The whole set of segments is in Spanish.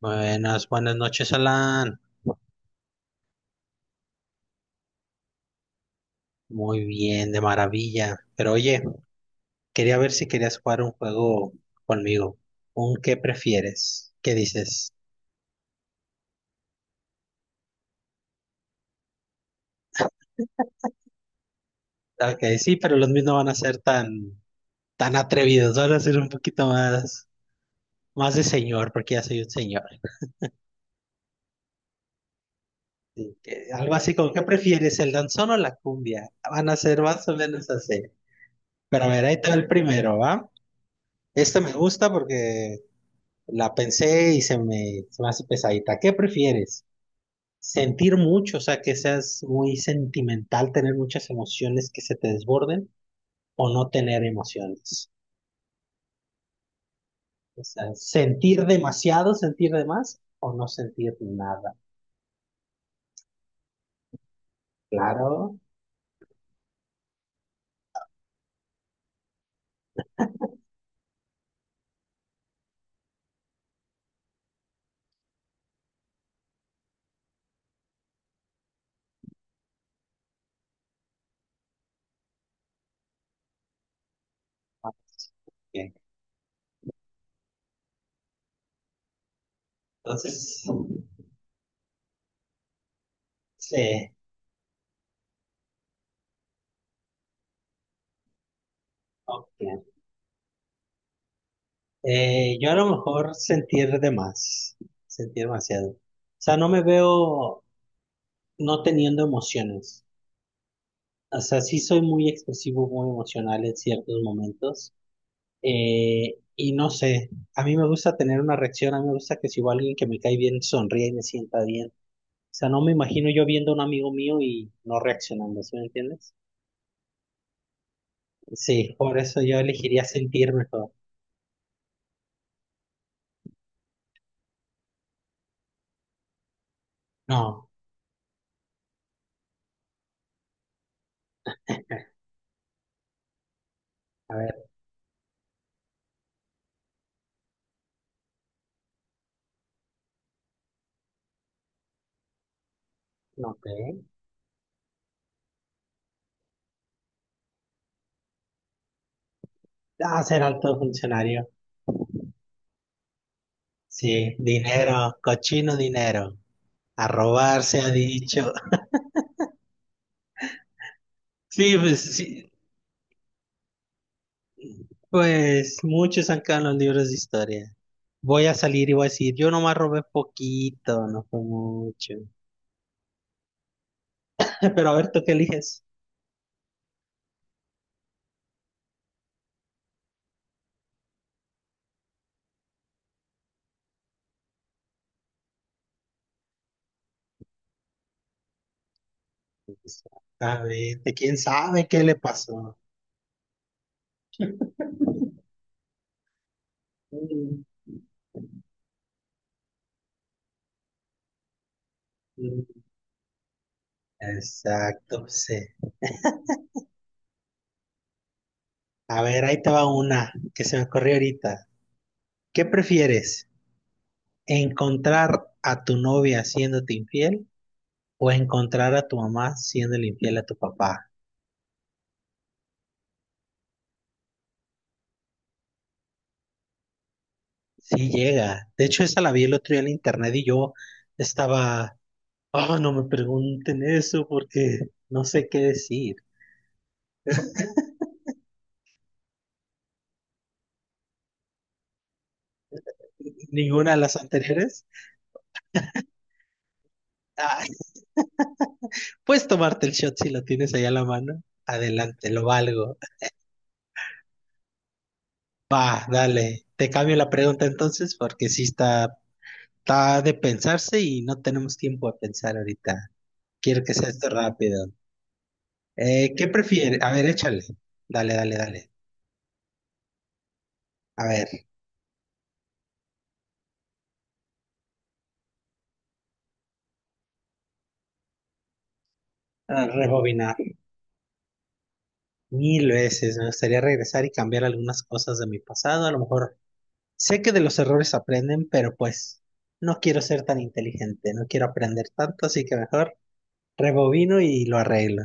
Buenas, buenas noches, Alan. Muy bien, de maravilla. Pero oye, quería ver si querías jugar un juego conmigo. ¿Un qué prefieres? ¿Qué dices? Ok, sí, pero los míos no van a ser tan, tan atrevidos. Van a ser un poquito más, más de señor, porque ya soy un señor. Sí, algo así como, ¿qué prefieres, el danzón o la cumbia? Van a ser más o menos así. Pero a ver, ahí está el primero, ¿va? Este me gusta porque la pensé y se me hace pesadita. ¿Qué prefieres? Sentir mucho, o sea, que seas muy sentimental, tener muchas emociones que se te desborden o no tener emociones. O sea, sentir demasiado, sentir de más o no sentir nada. Claro. Ah, bien. Entonces, sí, ok. Yo a lo mejor sentir de más, sentir demasiado. O sea, no me veo no teniendo emociones. O sea, sí soy muy expresivo, muy emocional en ciertos momentos. Y no sé, a mí me gusta tener una reacción, a mí me gusta que si va alguien que me cae bien sonríe y me sienta bien. O sea, no me imagino yo viendo a un amigo mío y no reaccionando, ¿sí me entiendes? Sí, por eso yo elegiría sentirme todo. No, a ver, no te. Ah, ser alto funcionario. Sí, dinero, cochino dinero. A robar se ha dicho. Sí, pues muchos han quedado en los libros de historia. Voy a salir y voy a decir, yo nomás robé poquito, no fue mucho. Pero a ver, ¿tú qué eliges? Exactamente, quién sabe qué le pasó. Mm, mm. Exacto, sí. A ver, ahí te va una que se me ocurrió ahorita. ¿Qué prefieres? ¿Encontrar a tu novia siéndote infiel o encontrar a tu mamá siéndole infiel a tu papá? Sí llega. De hecho, esa la vi el otro día en internet y yo estaba, oh, no me pregunten eso porque no sé qué decir. Ninguna de las anteriores. Ah, puedes tomarte el shot si lo tienes ahí a la mano. Adelante, lo valgo. Va, dale. Te cambio la pregunta entonces porque sí está, está de pensarse y no tenemos tiempo de pensar ahorita. Quiero que sea esto rápido. ¿Qué prefieres? A ver, échale. Dale, dale, dale. A ver, a rebobinar. Mil veces. Me gustaría regresar y cambiar algunas cosas de mi pasado. A lo mejor sé que de los errores aprenden, pero pues no quiero ser tan inteligente. No quiero aprender tanto, así que mejor rebobino y lo arreglo.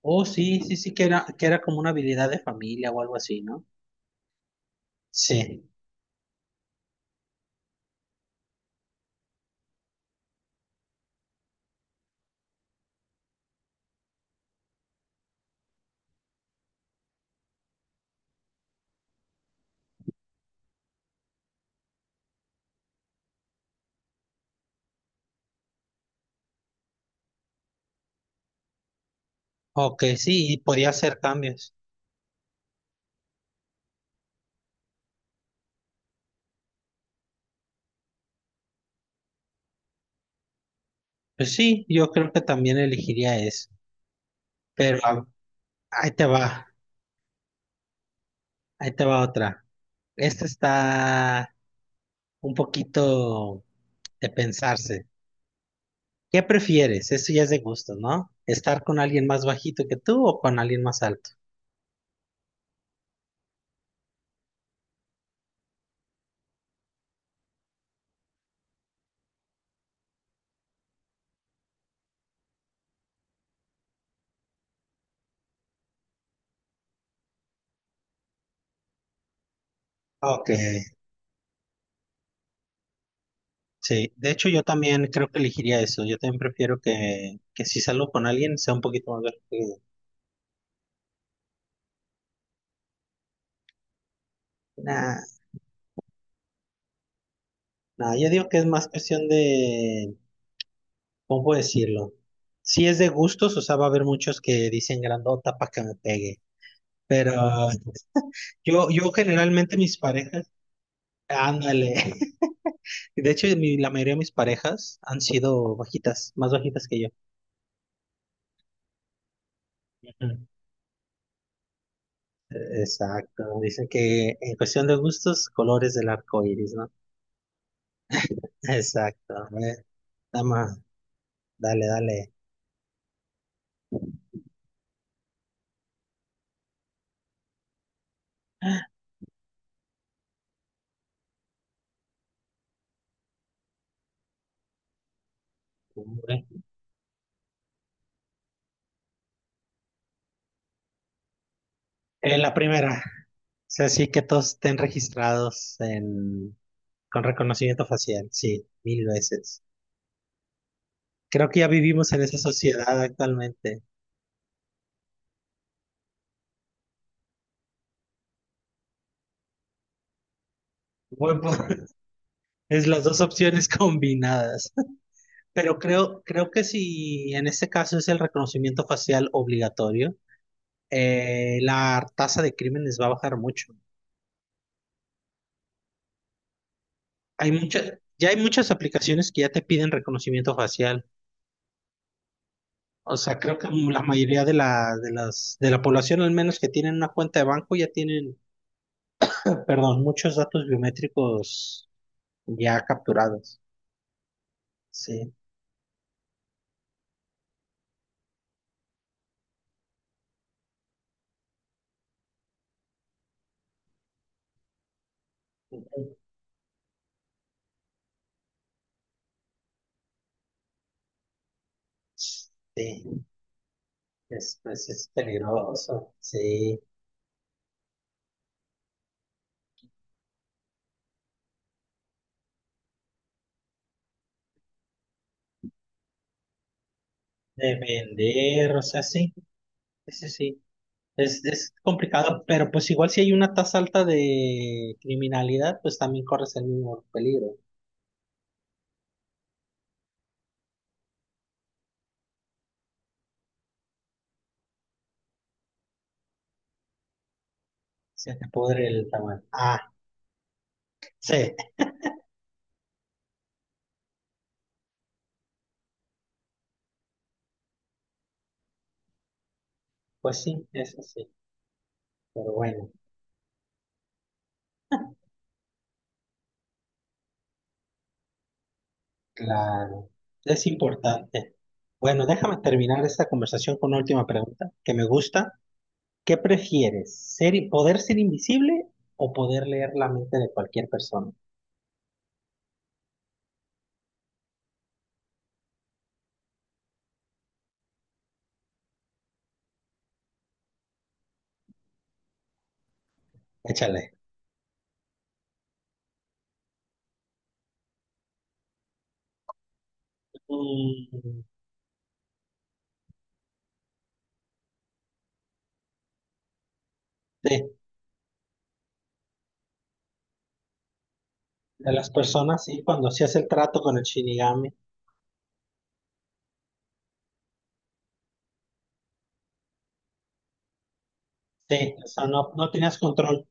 Oh, sí, sí, sí, que era como una habilidad de familia o algo así, ¿no? Sí. Ok, sí, y podía hacer cambios. Pues sí, yo creo que también elegiría eso. Pero a- Ahí te va, ahí te va otra. Esta está un poquito de pensarse. ¿Qué prefieres? Eso ya es de gusto, ¿no? ¿Estar con alguien más bajito que tú o con alguien más alto? Ok, sí. De hecho, yo también creo que elegiría eso. Yo también prefiero que si salgo con alguien sea un poquito más alto que yo. Nah, no, yo digo que es más cuestión de, ¿cómo puedo decirlo? Si es de gustos, o sea, va a haber muchos que dicen grandota para que me pegue. Pero yo generalmente mis parejas, ándale. De hecho, la mayoría de mis parejas han sido bajitas, más bajitas que yo. Ujú. Exacto. Dicen que en cuestión de gustos, colores del arco iris, ¿no? Exacto. A ver, dama, dale, dale. Hombre. La primera. O sea, sí que todos estén registrados en con reconocimiento facial, sí, mil veces. Creo que ya vivimos en esa sociedad actualmente. Buen pu- es las dos opciones combinadas. Pero creo que si en este caso es el reconocimiento facial obligatorio, la tasa de crímenes va a bajar mucho. Ya hay muchas aplicaciones que ya te piden reconocimiento facial. O sea, creo que la mayoría de la población, al menos que tienen una cuenta de banco, ya tienen, perdón, muchos datos biométricos ya capturados. Sí, sí, es, pues es peligroso, sí, de vender, o sea, sí, sí, sí, es complicado, pero pues igual si hay una tasa alta de criminalidad, pues también corres el mismo peligro, se te pudre el tamaño. Ah, sí, pues sí, eso sí, pero bueno, claro, es importante. Bueno, déjame terminar esta conversación con una última pregunta que me gusta. ¿Qué prefieres? Ser, ¿poder ser invisible o poder leer la mente de cualquier persona? Échale. Mm, sí, de las personas, sí, cuando hacías el trato con el Shinigami. Sí, o sea, no, no tenías control.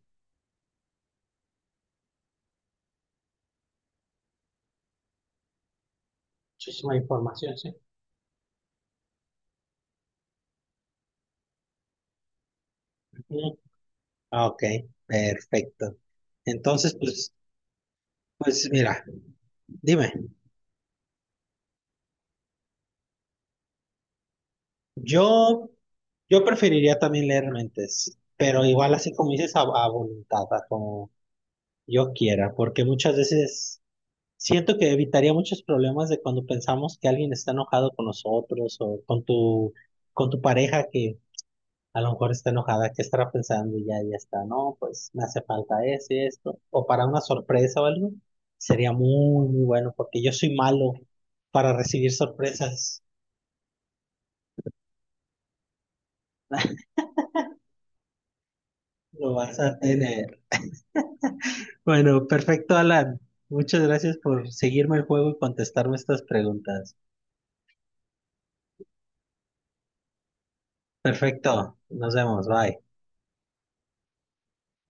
Muchísima información, sí. Mm, ok, perfecto. Entonces, pues, pues mira, dime, yo, yo preferiría también leer mentes, pero igual así como dices, a voluntad, a como yo quiera, porque muchas veces... Siento que evitaría muchos problemas de cuando pensamos que alguien está enojado con nosotros o con tu pareja que a lo mejor está enojada, que estará pensando y ya, ya está, no, pues me hace falta esto, o para una sorpresa o algo, sería muy, muy bueno porque yo soy malo para recibir sorpresas. Lo vas a tener. Bueno, perfecto, Alan. Muchas gracias por seguirme el juego y contestarme estas preguntas. Perfecto, nos vemos, bye.